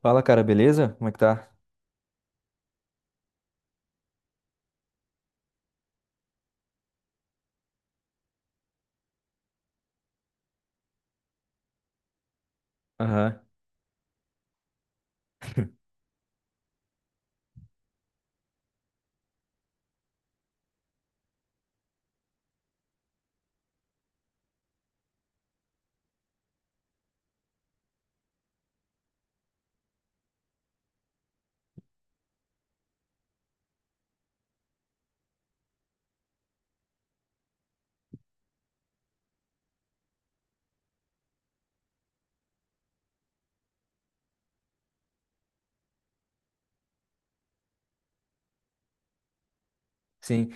Fala, cara, beleza? Como é que tá? Aham. Sim.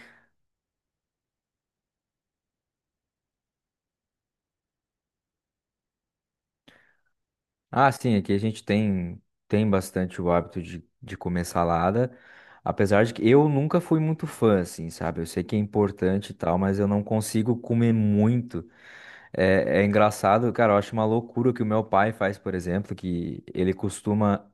Ah, sim, aqui a gente tem, tem bastante o hábito de comer salada. Apesar de que eu nunca fui muito fã, assim, sabe? Eu sei que é importante e tal, mas eu não consigo comer muito. É, é engraçado, cara, eu acho uma loucura o que o meu pai faz, por exemplo, que ele costuma.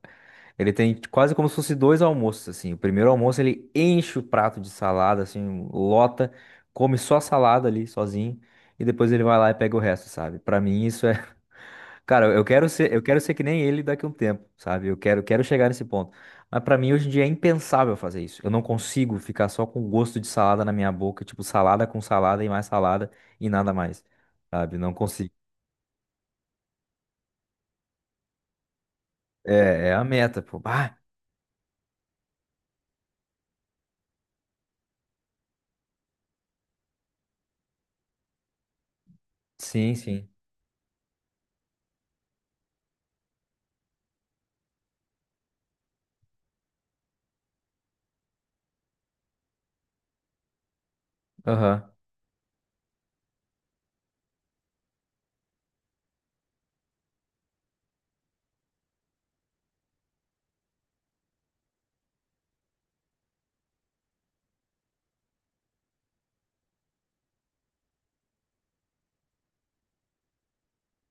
Ele tem quase como se fosse dois almoços, assim. O primeiro almoço ele enche o prato de salada, assim, lota, come só a salada ali sozinho, e depois ele vai lá e pega o resto, sabe? Pra mim isso é. Cara, eu quero ser que nem ele daqui a um tempo, sabe? Eu quero, quero chegar nesse ponto. Mas pra mim hoje em dia é impensável fazer isso. Eu não consigo ficar só com o gosto de salada na minha boca, tipo salada com salada e mais salada e nada mais, sabe? Não consigo. É, é a meta, pô. Ah, sim, sim. Aham.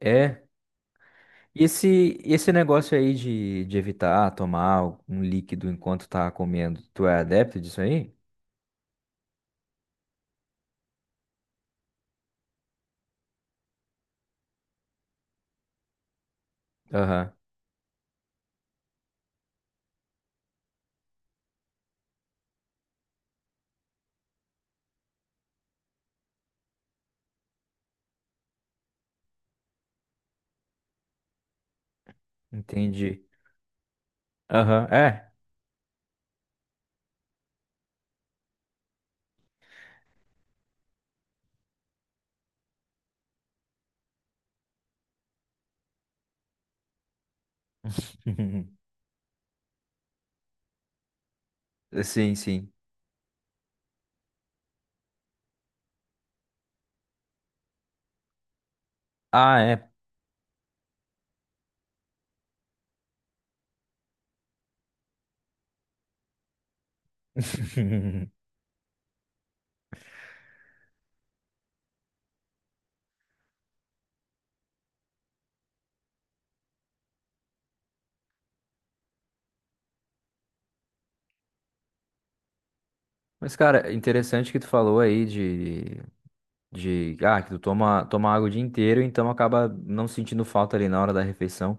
É. E esse negócio aí de evitar tomar um líquido enquanto tá comendo, tu é adepto disso aí? Aham. Entendi. Aham, é. Sim, sim. Ah, é. Mas, cara, interessante que tu falou aí de que tu toma, toma água o dia inteiro, então acaba não sentindo falta ali na hora da refeição.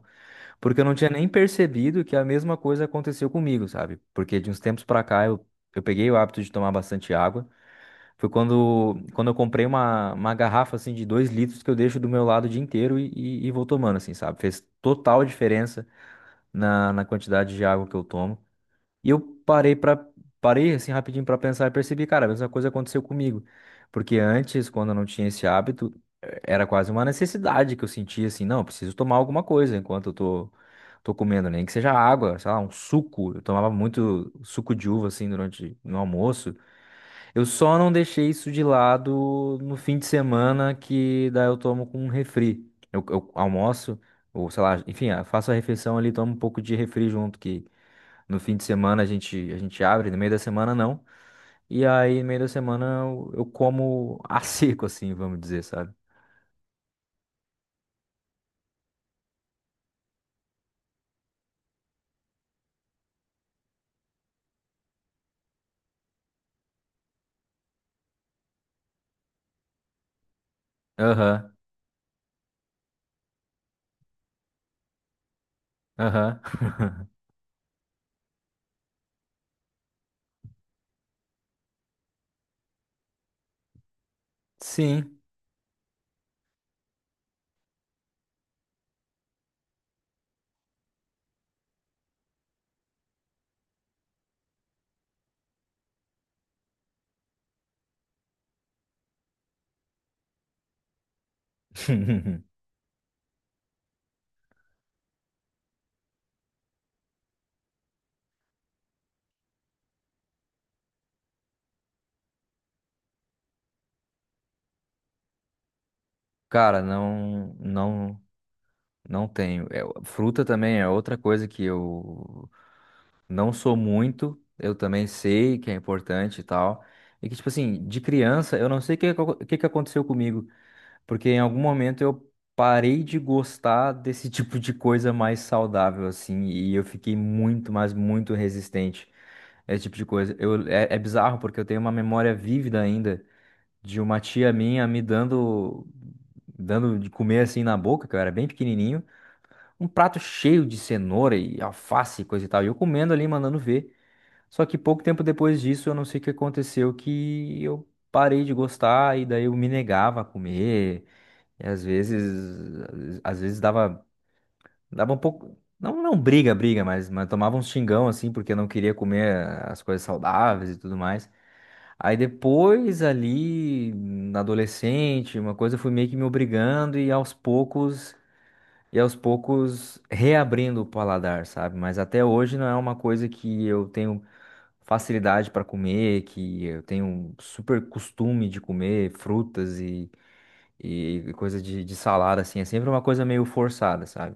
Porque eu não tinha nem percebido que a mesma coisa aconteceu comigo, sabe? Porque de uns tempos pra cá eu peguei o hábito de tomar bastante água. Foi quando, quando eu comprei uma garrafa assim de dois litros que eu deixo do meu lado o dia inteiro e vou tomando, assim, sabe? Fez total diferença na, na quantidade de água que eu tomo. E eu parei para parei assim rapidinho para pensar e percebi, cara, a mesma coisa aconteceu comigo. Porque antes, quando eu não tinha esse hábito, era quase uma necessidade que eu sentia assim, não, eu preciso tomar alguma coisa enquanto eu tô comendo, nem que seja água, sei lá, um suco. Eu tomava muito suco de uva assim durante no almoço. Eu só não deixei isso de lado no fim de semana que daí eu tomo com um refri. Eu almoço ou sei lá, enfim, ah, faço a refeição ali, tomo um pouco de refri junto que no fim de semana a gente abre, no meio da semana não. E aí, no meio da semana, eu como a seco, assim, vamos dizer, sabe? Aham, aham. Sim. Cara, não, não, não tenho. É, fruta também é outra coisa que eu não sou muito. Eu também sei que é importante e tal. E que, tipo assim, de criança, eu não sei o que, o que que aconteceu comigo. Porque em algum momento eu parei de gostar desse tipo de coisa mais saudável, assim, e eu fiquei muito, mas muito resistente a esse tipo de coisa. Eu, é, é bizarro porque eu tenho uma memória vívida ainda de uma tia minha me dando, dando de comer assim na boca, que eu era bem pequenininho, um prato cheio de cenoura e alface e coisa e tal, e eu comendo ali, mandando ver. Só que pouco tempo depois disso, eu não sei o que aconteceu, que eu parei de gostar e daí eu me negava a comer. E às vezes dava um pouco, não, não briga, briga, mas tomava um xingão assim, porque não queria comer as coisas saudáveis e tudo mais. Aí depois ali, na adolescente, uma coisa eu fui meio que me obrigando e aos poucos reabrindo o paladar, sabe? Mas até hoje não é uma coisa que eu tenho facilidade para comer, que eu tenho um super costume de comer frutas e coisa de salário, assim, é sempre uma coisa meio forçada, sabe?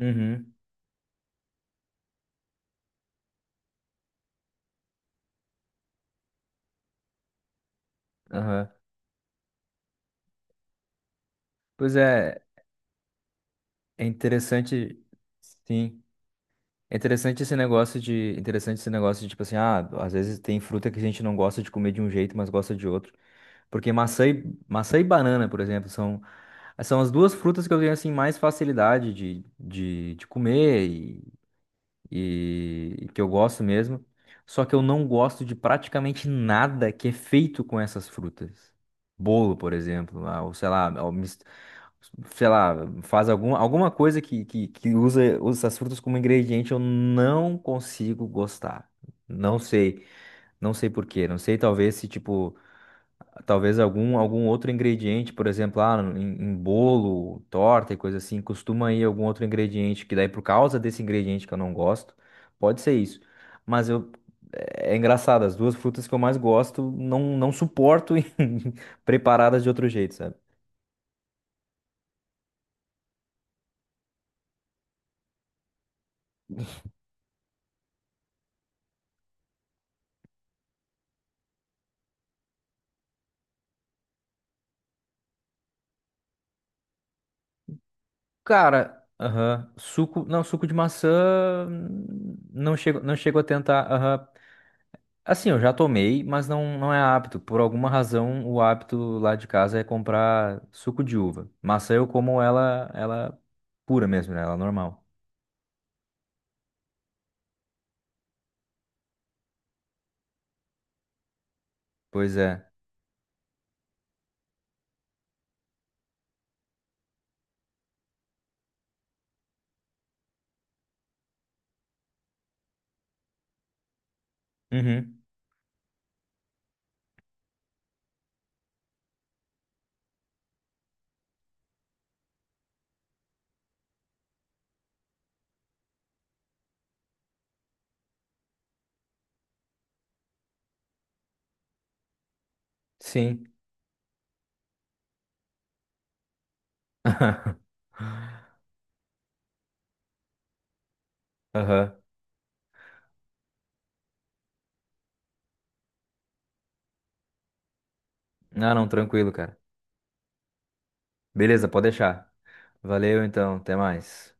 Uhum. Aham. Pois é, é interessante, sim. É interessante interessante esse negócio de, tipo assim, ah, às vezes tem fruta que a gente não gosta de comer de um jeito, mas gosta de outro. Porque maçã e banana, por exemplo, são, são as duas frutas que eu tenho, assim, mais facilidade de comer e que eu gosto mesmo. Só que eu não gosto de praticamente nada que é feito com essas frutas. Bolo, por exemplo, ah, ou sei lá, sei lá, faz alguma coisa que, que usa, usa essas frutas como ingrediente, eu não consigo gostar. Não sei, não sei por quê. Não sei, talvez se tipo. Talvez algum outro ingrediente, por exemplo, ah, em bolo, torta e coisa assim, costuma ir algum outro ingrediente, que daí por causa desse ingrediente que eu não gosto, pode ser isso. Mas eu, é é engraçado, as duas frutas que eu mais gosto, não, não suporto preparadas de outro jeito, sabe? Cara, aham, suco, não, suco de maçã, não chego, não chego a tentar, aham. Assim, eu já tomei, mas não, não é hábito. Por alguma razão, o hábito lá de casa é comprar suco de uva. Maçã eu como ela pura mesmo, né? Ela normal. Pois é. Uhum. Sim. Aham. Ah, não, tranquilo, cara. Beleza, pode deixar. Valeu então, até mais.